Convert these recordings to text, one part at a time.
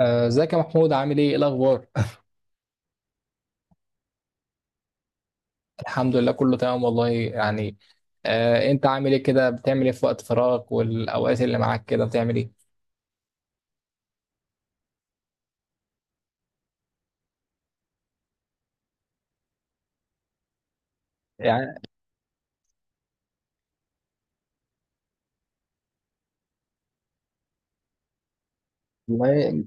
ازيك يا محمود؟ عامل ايه؟ ايه الاخبار؟ الحمد لله كله تمام والله يعني. انت عامل ايه كده؟ بتعمل ايه في وقت فراغك والاوقات اللي معاك كده بتعمل ايه؟ يعني. والله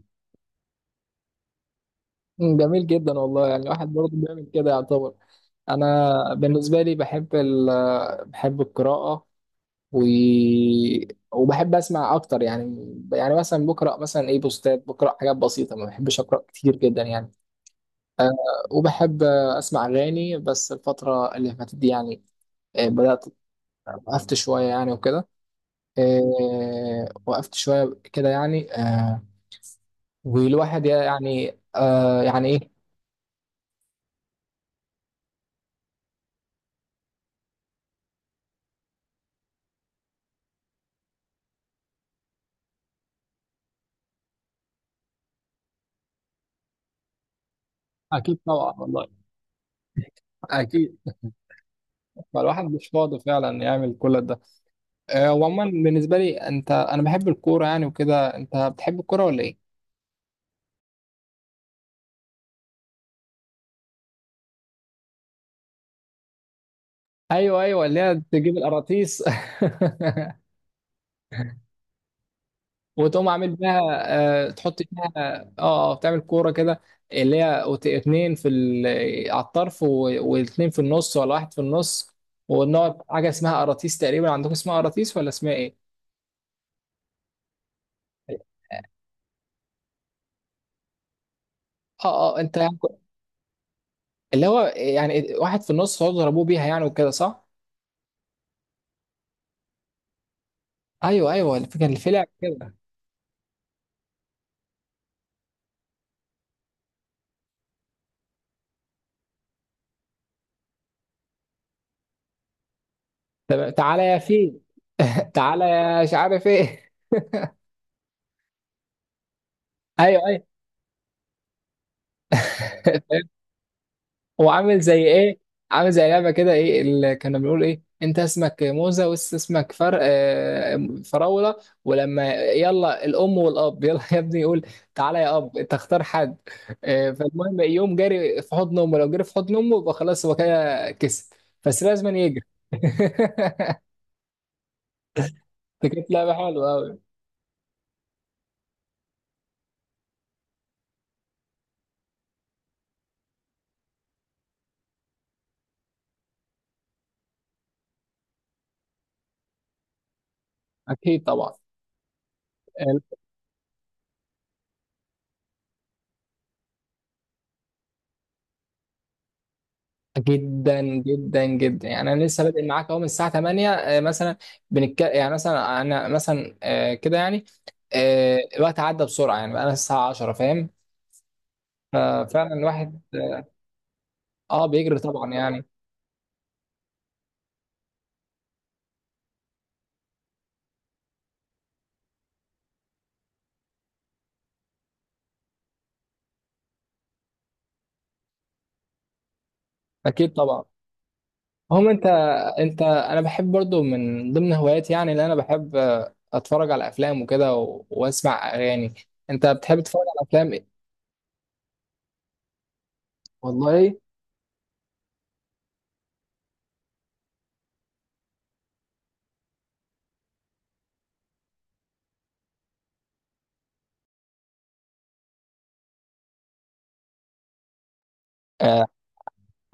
جميل جدا والله يعني الواحد برضه بيعمل كده يعتبر. انا بالنسبه لي بحب القراءه و... وبحب اسمع اكتر يعني. يعني مثلا بقرا مثلا ايه بوستات، بقرا حاجات بسيطه، ما بحبش اقرا كتير جدا يعني. آه وبحب اسمع اغاني، بس الفتره اللي فاتت دي يعني بدأت. وقفت شوية يعني وكده، وقفت شوية كده يعني. والواحد يعني يعني إيه. اكيد طبعا والله، اكيد. فالواحد مش فاضي فعلا يعمل كل ده. وعموما بالنسبة لي، أنا بحب الكورة يعني وكده. أنت بتحب الكورة ولا إيه؟ أيوه، أيوه، اللي هي تجيب القراطيس. وتقوم عامل بيها. تحط فيها، بتعمل كوره كده. اللي هي اتنين في على الطرف واتنين في النص، ولا واحد في النص. ونقعد حاجه اسمها قراطيس، تقريبا عندكم اسمها قراطيس ولا اسمها ايه؟ اه انت يعني، اللي هو يعني واحد في النص تقعدوا تضربوه بيها يعني وكده، صح؟ ايوه، ايوه، الفكره اللي في لعب كده. طب تعالى يا فيل. تعالى يا مش عارف ايه. ايوه، ايوه. هو عامل زي ايه؟ عامل زي لعبه كده، ايه اللي كنا بنقول، ايه انت اسمك موزه وانت اسمك فر آه، فراوله. ولما يلا الام والاب يلا يا ابني يقول تعالى يا اب انت اختار حد. فالمهم يقوم جاري في حضن امه، لو جري في حضن امه يبقى خلاص هو كده كسب. بس لازم يجري. دي كانت لعبه حلوه قوي. اكيد طبعا. جدا جدا جدا يعني. انا لسه بادئ معاك اهو من الساعه 8 مثلا، بنتك يعني مثلا انا مثلا كده يعني. الوقت عدى بسرعه يعني، بقى الساعه 10، فاهم؟ ففعلا الواحد، بيجري طبعا يعني. اكيد طبعا. انت، انا بحب برضو من ضمن هواياتي، يعني اللي انا بحب اتفرج على افلام وكده، واسمع اغاني. انت بتحب تتفرج على افلام ايه؟ والله. آه،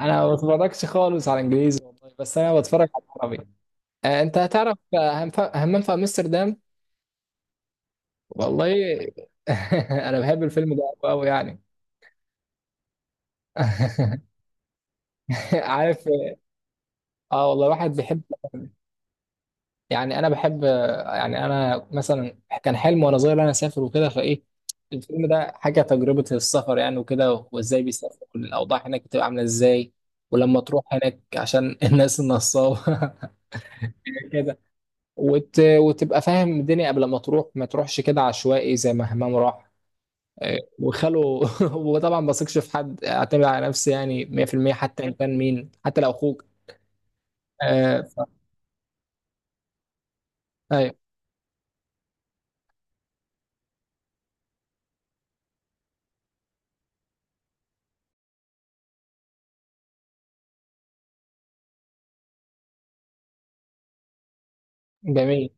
انا ما بتفرجش خالص على انجليزي والله، بس انا بتفرج على عربي. انت هتعرف، همام في امستردام. والله. انا بحب الفيلم ده قوي قوي يعني. عارف. اه والله، واحد بيحب. يعني انا بحب يعني انا مثلا كان حلم وانا صغير انا اسافر وكده فايه. الفيلم ده حاجه تجربه السفر يعني وكده، وازاي بيسافر والاوضاع هناك بتبقى عامله ازاي، ولما تروح هناك عشان الناس النصابه. كده. وتبقى فاهم الدنيا قبل ما تروح، ما تروحش كده عشوائي زي ما همام راح وخاله. هو طبعا ما بثقش في حد، اعتمد على نفسي يعني 100%، حتى ان كان مين، حتى لو اخوك. آه ف... ايوه. جميل.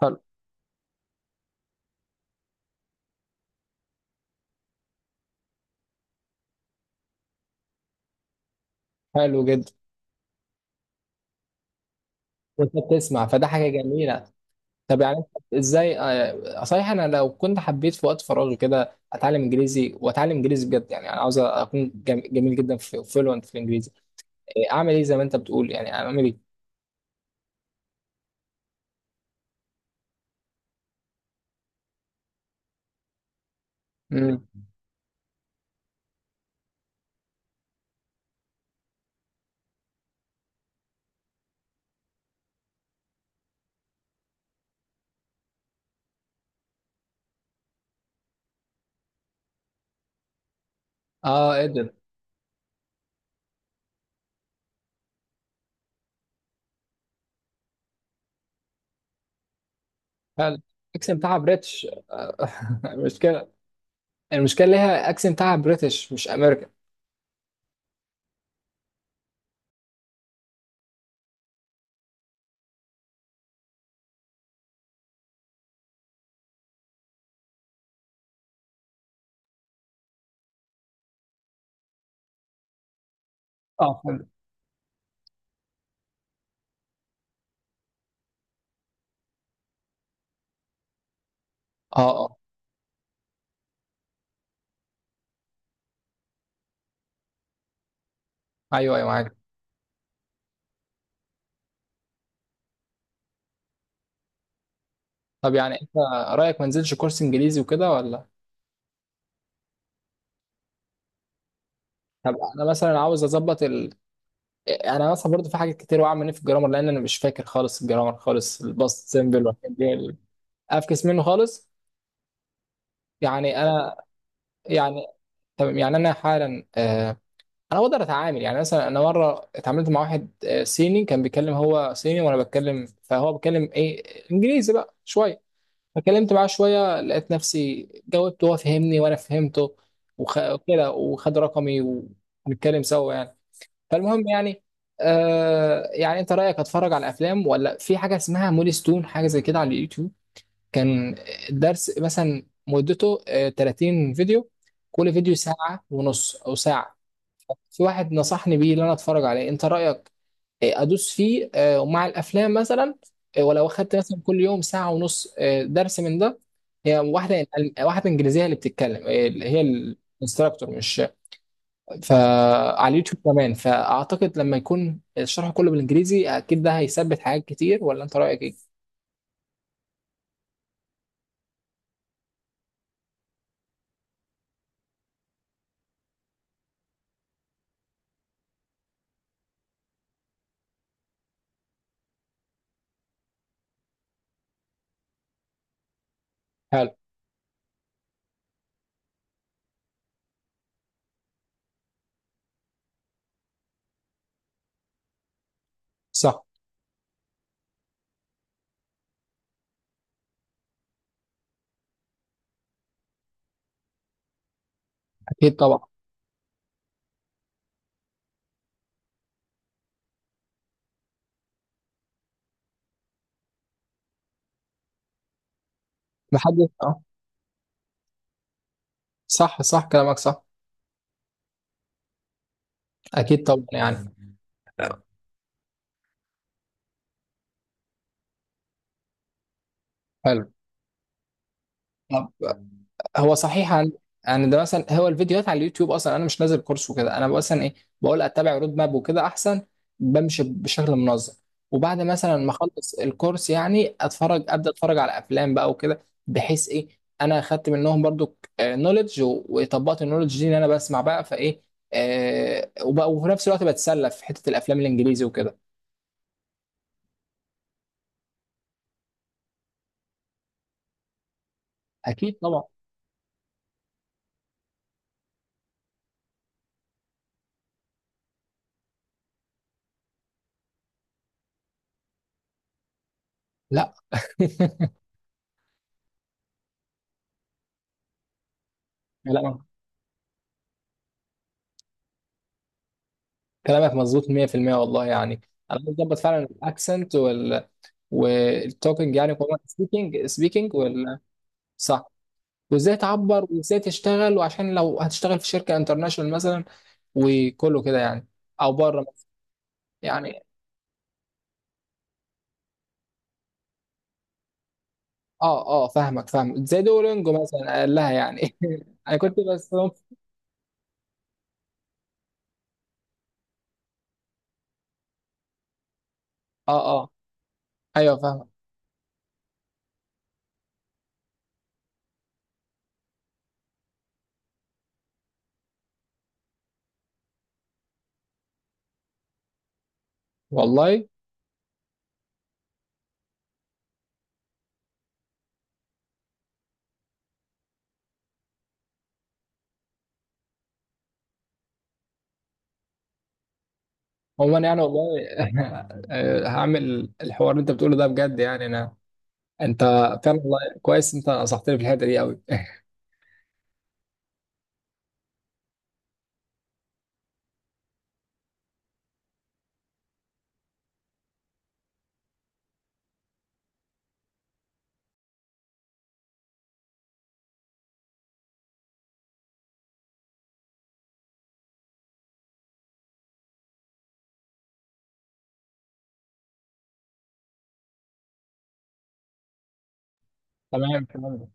حلو. حلو جدا. وانت بتسمع، فده حاجه جميله. طب يعني أنت، ازاي؟ آه صحيح، انا لو كنت حبيت في وقت فراغي كده اتعلم انجليزي واتعلم انجليزي بجد، يعني انا عاوز اكون جميل جدا في فلوينت في الانجليزي. اعمل ايه زي ما انت بتقول يعني؟ اعمل ايه؟ مم. اه، قدر. حلو. اكسب بتاعها بريتش، مشكله. المشكله اللي هي اكسنت بتاعها بريتش مش امريكان. اه، فهمت. اه، اه. ايوه، ايوه، معاك. طب يعني انت رايك ما انزلش كورس انجليزي وكده ولا؟ طب انا مثلا عاوز اظبط يعني انا مثلا برضو في حاجات كتير واقع مني في الجرامر، لان انا مش فاكر خالص الجرامر خالص، الباست سيمبل والحاجات دي. افكس منه خالص. يعني انا، يعني تمام. يعني انا حالا انا بقدر اتعامل، يعني مثلا انا مره اتعاملت مع واحد صيني، كان بيتكلم، هو صيني وانا بتكلم، فهو بيتكلم ايه، انجليزي بقى شويه. فكلمت معاه شوية، لقيت نفسي جاوبت وهو فهمني وأنا فهمته، وكده وخد رقمي ونتكلم سوا يعني. فالمهم يعني يعني أنت رأيك أتفرج على أفلام، ولا في حاجة اسمها مولي ستون، حاجة زي كده على اليوتيوب؟ كان الدرس مثلا مدته 30 فيديو، كل فيديو ساعة ونص أو ساعة. في واحد نصحني بيه إن أنا أتفرج عليه، أنت رأيك؟ ادوس فيه ومع الافلام مثلا، ولو اخدت مثلا كل يوم ساعه ونص درس من ده. هي واحده، واحده انجليزيه اللي بتتكلم، اللي هي الانستراكتور، مش؟ فعلى اليوتيوب كمان، فاعتقد لما يكون الشرح كله بالانجليزي اكيد ده هيثبت حاجات كتير، ولا انت رايك ايه؟ حلو. صح. اكيد طبعا. محدش، اه. صح، صح، كلامك صح. اكيد طبعا يعني. حلو. طب، هو صحيح، عن يعني ده مثلا، هو الفيديوهات على اليوتيوب، اصلا انا مش نازل كورس وكده، انا مثلا ايه، بقول اتبع رود ماب وكده احسن، بمشي بشكل منظم. وبعد مثلا ما اخلص الكورس يعني اتفرج، ابدا اتفرج على افلام بقى وكده، بحيث ايه انا اخدت منهم برضو نولج وطبقت النولج دي ان انا بسمع بقى فايه. وبقى وفي نفس الوقت بتسلى في حته الافلام الانجليزي وكده. اكيد طبعا. لا. لا، كلامك مظبوط 100% والله يعني. انا عايز اظبط فعلا الاكسنت والتوكينج يعني، سبيكينج سبيكينج صح. وازاي تعبر، وازاي تشتغل، وعشان لو هتشتغل في شركه انترناشونال مثلا، وكله كده يعني، او بره مثلا. يعني اه، اه، فاهمك، فاهم، زي دولينجو مثلا قال لها يعني. انا كنت بس اه، ايوه، فاهمك. والله عموما يعني والله. هعمل الحوار اللي انت بتقوله ده بجد يعني انا. انت فعلا والله، كويس انت نصحتني في الحته دي قوي. تمام، تمام.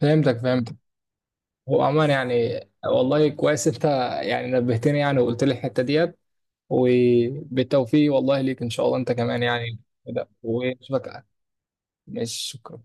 فهمتك، فهمتك. هو عموما يعني والله، كويس انت يعني نبهتني يعني، وقلت لي الحته ديت. وبالتوفيق والله ليك ان شاء الله انت كمان يعني، كده واشوفك. مش، شكرا.